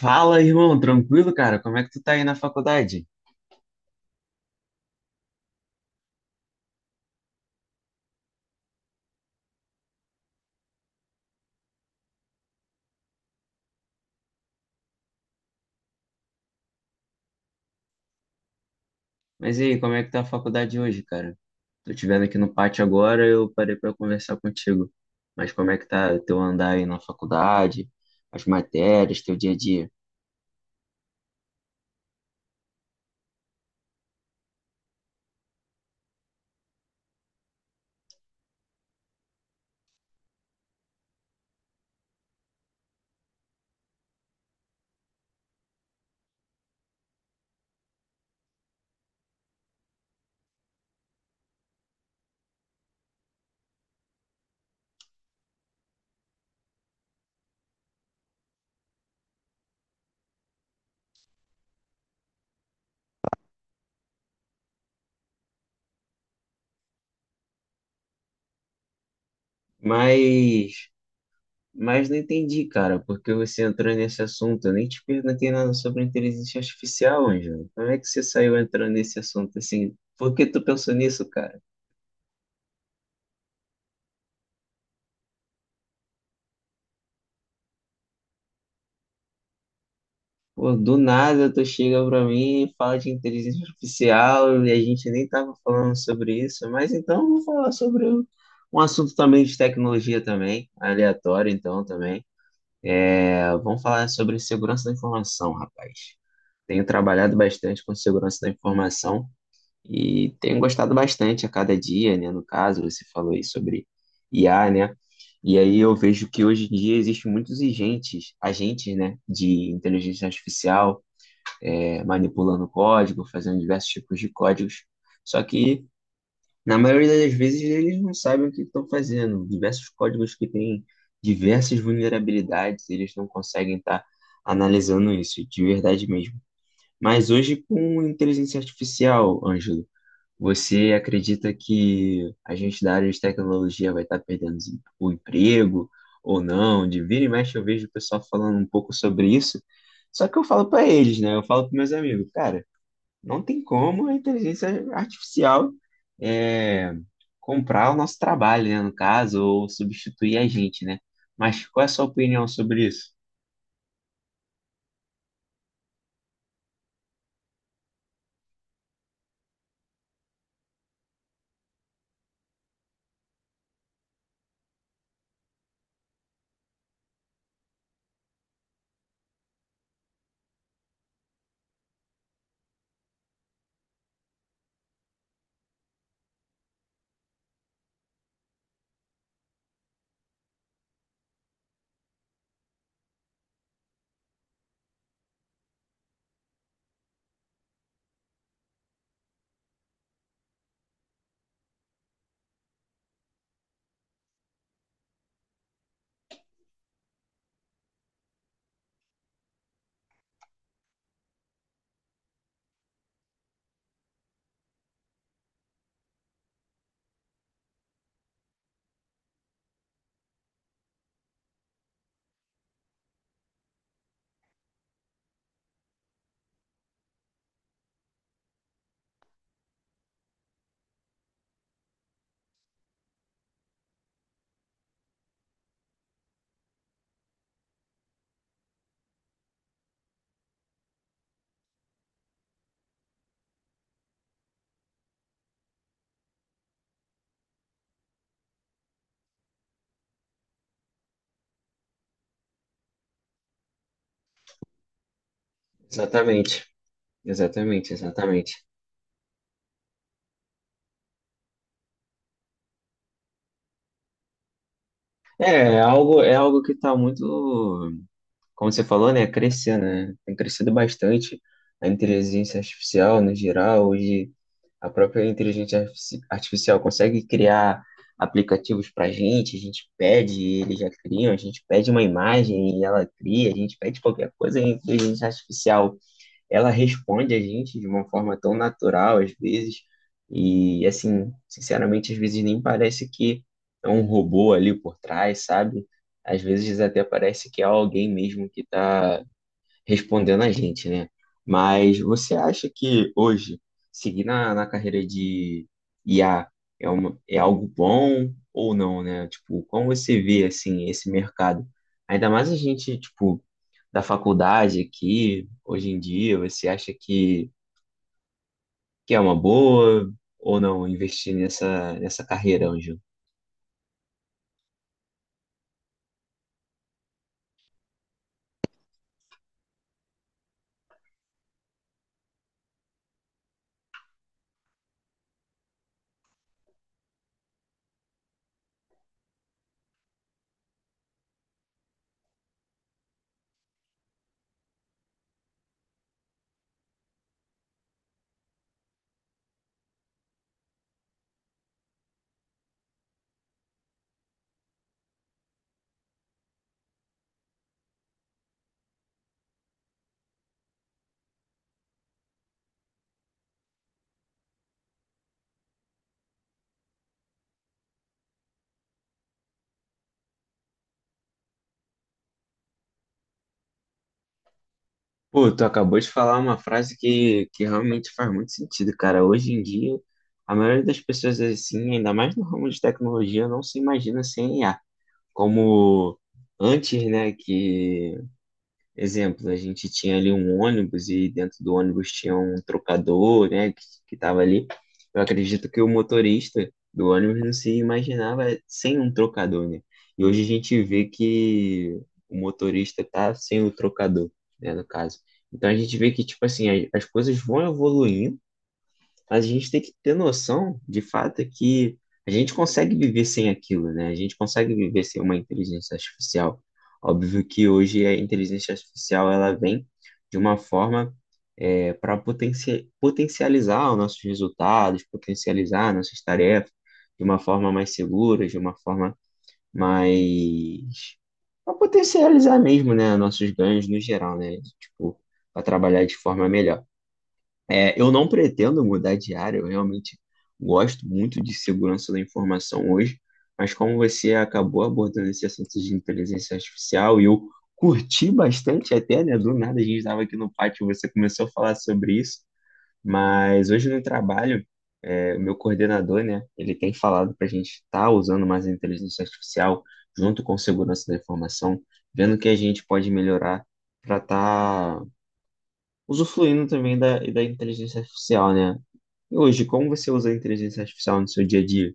Fala, irmão, tranquilo, cara? Como é que tu tá aí na faculdade? Mas e aí, como é que tá a faculdade hoje, cara? Tô te vendo aqui no pátio agora, eu parei pra conversar contigo. Mas como é que tá teu andar aí na faculdade, as matérias, teu dia a dia? Mas, mas não entendi, cara, porque você entrou nesse assunto. Eu nem te perguntei nada sobre inteligência artificial, Ângelo. Como é que você saiu entrando nesse assunto assim? Por que tu pensou nisso, cara? Pô, do nada tu chega pra mim e fala de inteligência artificial e a gente nem tava falando sobre isso, mas então eu vou falar sobre um assunto também de tecnologia também, aleatório então também. É, vamos falar sobre segurança da informação, rapaz. Tenho trabalhado bastante com segurança da informação e tenho gostado bastante a cada dia, né? No caso, você falou aí sobre IA, né? E aí eu vejo que hoje em dia existem muitos agentes, né, de inteligência artificial manipulando código, fazendo diversos tipos de códigos. Só que, na maioria das vezes, eles não sabem o que estão fazendo. Diversos códigos que têm diversas vulnerabilidades, eles não conseguem estar analisando isso de verdade mesmo. Mas hoje, com inteligência artificial, Ângelo, você acredita que a gente da área de tecnologia vai estar perdendo o emprego ou não? De vira e mexe eu vejo o pessoal falando um pouco sobre isso. Só que eu falo para eles, né? Eu falo para meus amigos, cara, não tem como a inteligência artificial é, comprar o nosso trabalho, né, no caso, ou substituir a gente, né? Mas qual é a sua opinião sobre isso? Exatamente, exatamente, exatamente. É, é algo, é algo que está muito, como você falou, né, crescendo, né? Tem crescido bastante a inteligência artificial no geral. Hoje a própria artificial consegue criar aplicativos para a gente pede, e eles já criam, a gente pede uma imagem e ela cria, a gente pede qualquer coisa, e a inteligência artificial, ela responde a gente de uma forma tão natural às vezes, e assim, sinceramente, às vezes nem parece que é um robô ali por trás, sabe? Às vezes até parece que é alguém mesmo que está respondendo a gente, né? Mas você acha que hoje seguir na carreira de IA é algo bom ou não, né? Tipo, como você vê assim esse mercado? Ainda mais a gente, tipo, da faculdade aqui, hoje em dia, você acha que é uma boa ou não investir nessa carreira, Anjo? Pô, tu acabou de falar uma frase que realmente faz muito sentido, cara. Hoje em dia, a maioria das pessoas, assim, ainda mais no ramo de tecnologia, não se imagina sem I a. Como antes, né, que exemplo, a gente tinha ali um ônibus e dentro do ônibus tinha um trocador, né, que estava ali. Eu acredito que o motorista do ônibus não se imaginava sem um trocador, né? E hoje a gente vê que o motorista tá sem o trocador, né, no caso. Então a gente vê que, tipo assim, as coisas vão evoluindo, mas a gente tem que ter noção, de fato, é que a gente consegue viver sem aquilo, né? A gente consegue viver sem uma inteligência artificial. Óbvio que hoje a inteligência artificial ela vem de uma forma para potencializar os nossos resultados, potencializar nossas tarefas de uma forma mais segura, de uma forma mais para potencializar mesmo, né, nossos ganhos no geral, né? Tipo, para trabalhar de forma melhor. É, eu não pretendo mudar de área, eu realmente gosto muito de segurança da informação hoje, mas como você acabou abordando esse assunto de inteligência artificial, e eu curti bastante até, né? Do nada a gente estava aqui no pátio, e você começou a falar sobre isso, mas hoje no trabalho, o meu coordenador, né, ele tem falado para a gente estar usando mais a inteligência artificial junto com segurança da informação, vendo o que a gente pode melhorar para estar usufruindo também da inteligência artificial, né? E hoje, como você usa a inteligência artificial no seu dia a dia?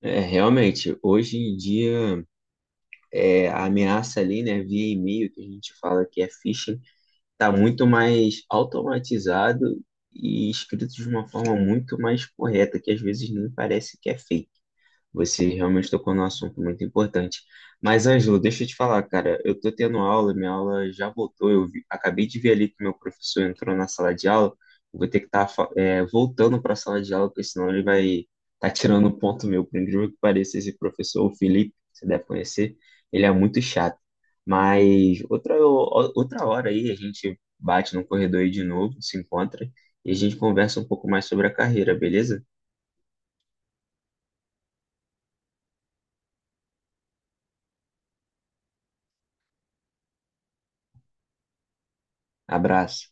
É, realmente, hoje em dia, a ameaça ali, né, via e-mail, que a gente fala que é phishing, está muito mais automatizado e escrito de uma forma muito mais correta, que às vezes nem parece que é fake. Você realmente tocou num assunto muito importante. Mas, Ângelo, deixa eu te falar, cara, eu tô tendo aula, minha aula já voltou, acabei de ver ali que meu professor entrou na sala de aula, eu vou ter que estar voltando para a sala de aula, porque senão ele vai estar tirando ponto meu, por incrível que pareça, esse professor, o Felipe, você deve conhecer, ele é muito chato. Mas outra, outra hora aí a gente bate no corredor aí de novo, se encontra, e a gente conversa um pouco mais sobre a carreira, beleza? Abraço.